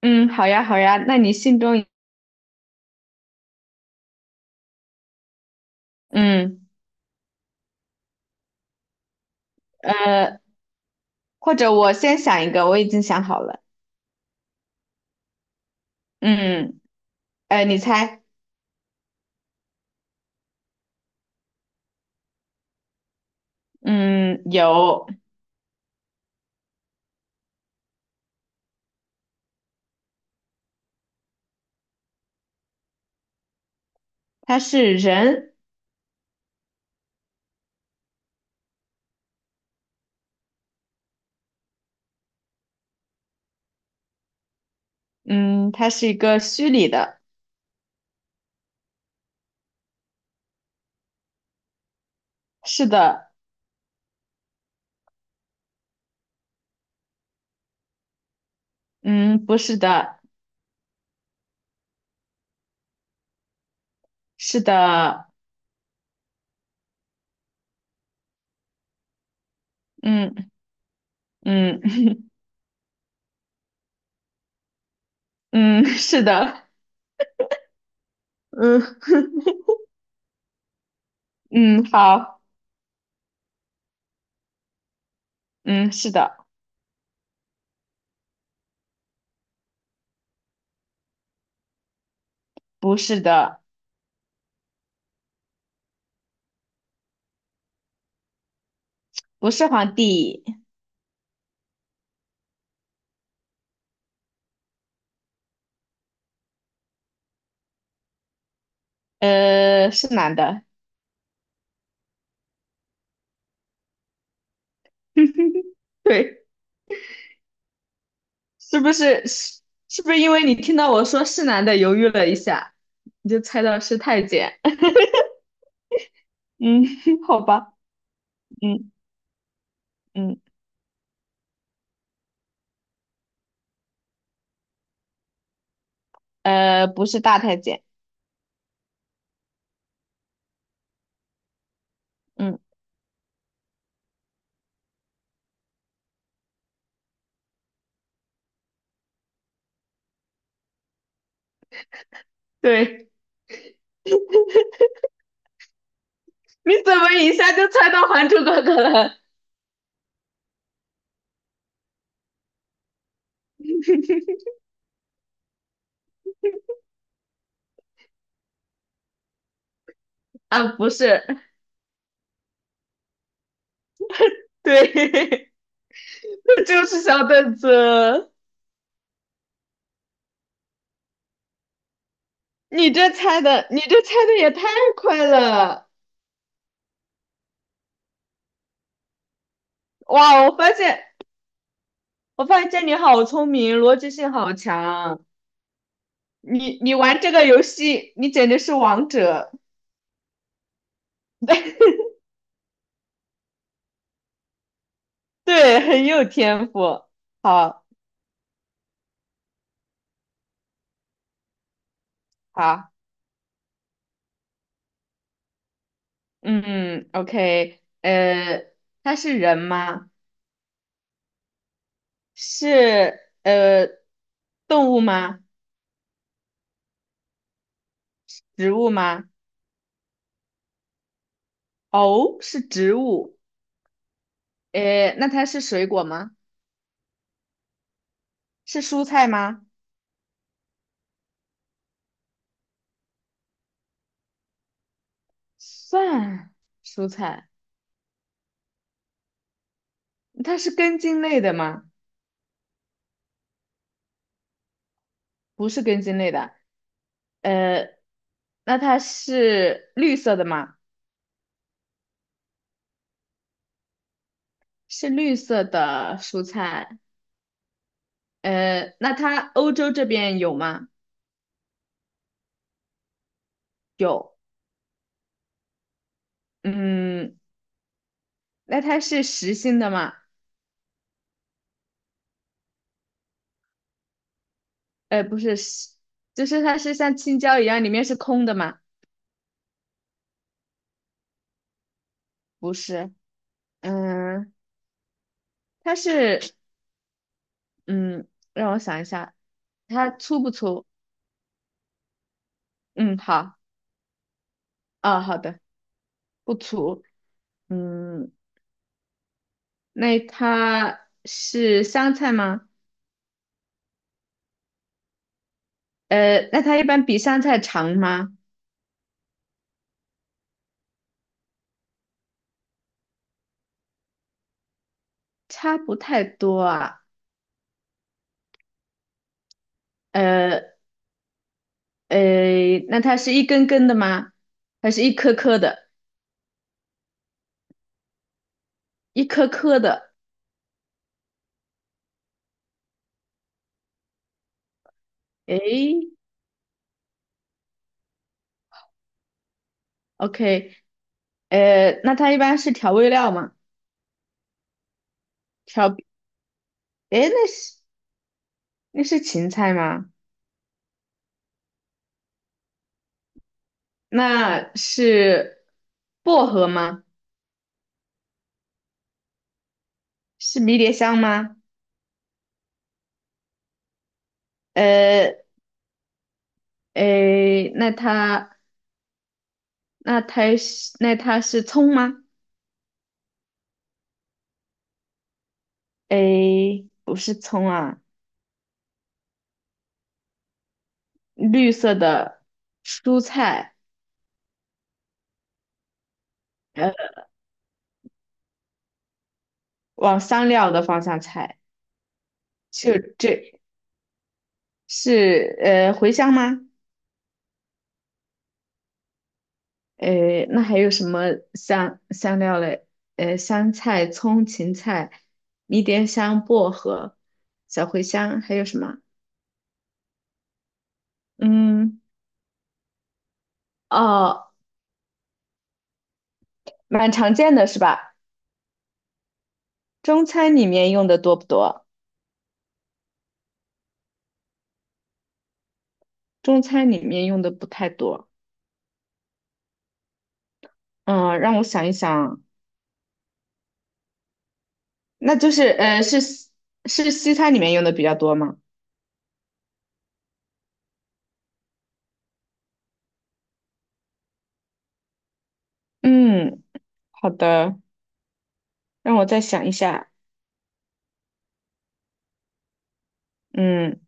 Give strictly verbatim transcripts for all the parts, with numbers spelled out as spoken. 嗯，好呀，好呀，那你心中，嗯，呃，或者我先想一个，我已经想好了，嗯，呃，你猜，嗯，有，他是人，嗯，他是一个虚拟的，是的，嗯，不是的，是的，嗯嗯 嗯，是的，嗯 嗯，好，嗯，是的，不是的，不是皇帝，呃，是男的，对。是不是是是不是因为你听到我说是男的，犹豫了一下，你就猜到是太监？嗯，好吧，嗯嗯，呃，不是大太监，嗯，对，你怎么一下就猜到《还珠格格》了？啊，不是，对，那就是小凳子。你这猜的，你这猜的也太快了！哇，我发现，我发现你好聪明，逻辑性好强。你你玩这个游戏，你简直是王者。对，很有天赋。好，好，嗯，OK,呃，它是人吗？是呃动物吗？植物吗？哦，是植物。呃，那它是水果吗？是蔬菜吗？算蔬菜。它是根茎类的吗？不是根茎类的。呃，那它是绿色的吗？是绿色的蔬菜。呃，那它欧洲这边有吗？有。嗯，那它是实心的吗？呃，不是，实就是它是像青椒一样，里面是空的吗？不是，嗯，它是，嗯，让我想一下，它粗不粗？嗯，好，啊，好的，不粗。嗯，那它是香菜吗？呃，那它一般比香菜长吗？差不太多啊。呃，呃，那它是一根根的吗？还是一颗颗的？一颗颗的。诶，OK,呃，那它一般是调味料吗？调，诶，那是那是芹菜吗？那是薄荷吗？是迷迭香吗？呃，诶，那它那它是那它是葱吗？诶，不是葱啊，绿色的蔬菜，呃，往香料的方向猜，就这是呃茴香吗？诶，那还有什么香香料嘞？呃，香菜、葱、芹菜、迷迭香、薄荷、小茴香，还有什么？嗯，哦，蛮常见的是吧？中餐里面用的多不多？中餐里面用的不太多。嗯，让我想一想，那就是呃，是西是西餐里面用的比较多吗？嗯，好的，让我再想一下。嗯，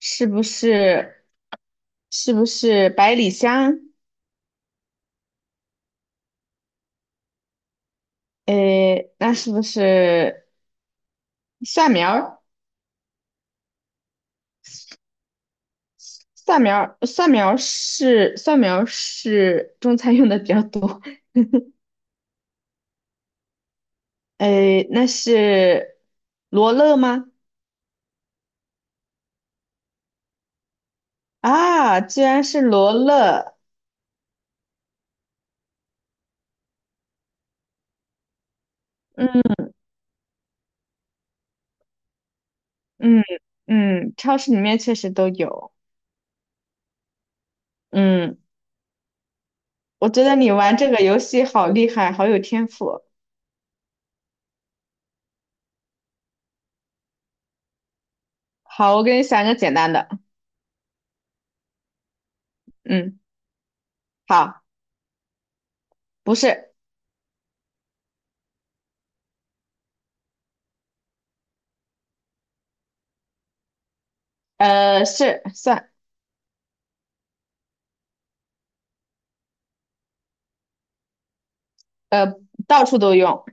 是不是是不是百里香？诶，那是不是蒜苗儿？蒜苗儿，蒜苗儿是蒜苗儿是中餐用的比较多。诶，那是罗勒吗？啊，居然是罗勒。嗯嗯，超市里面确实都有。嗯，我觉得你玩这个游戏好厉害，好有天赋。好，我给你想一个简单的。嗯，好，不是，呃，是蒜，呃，到处都用。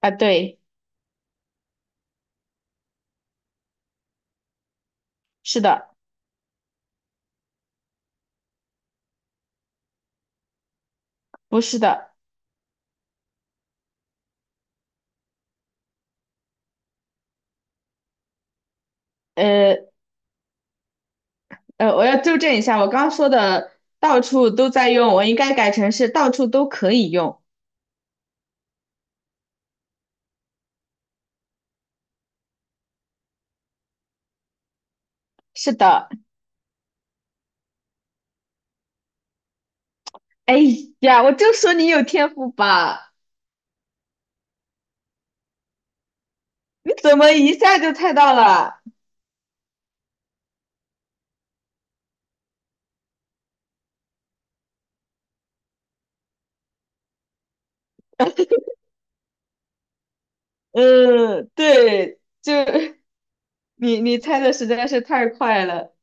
啊，对，是的，不是的。呃呃，我要纠正一下，我刚刚说的到处都在用，我应该改成是到处都可以用。是的，哎呀，我就说你有天赋吧，你怎么一下就猜到了？呃，对，就 你你猜的实在是太快了，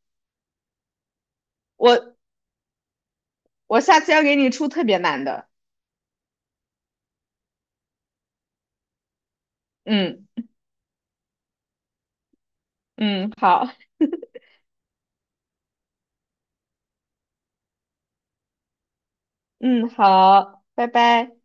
我我下次要给你出特别难的。嗯嗯，好，嗯好，拜拜。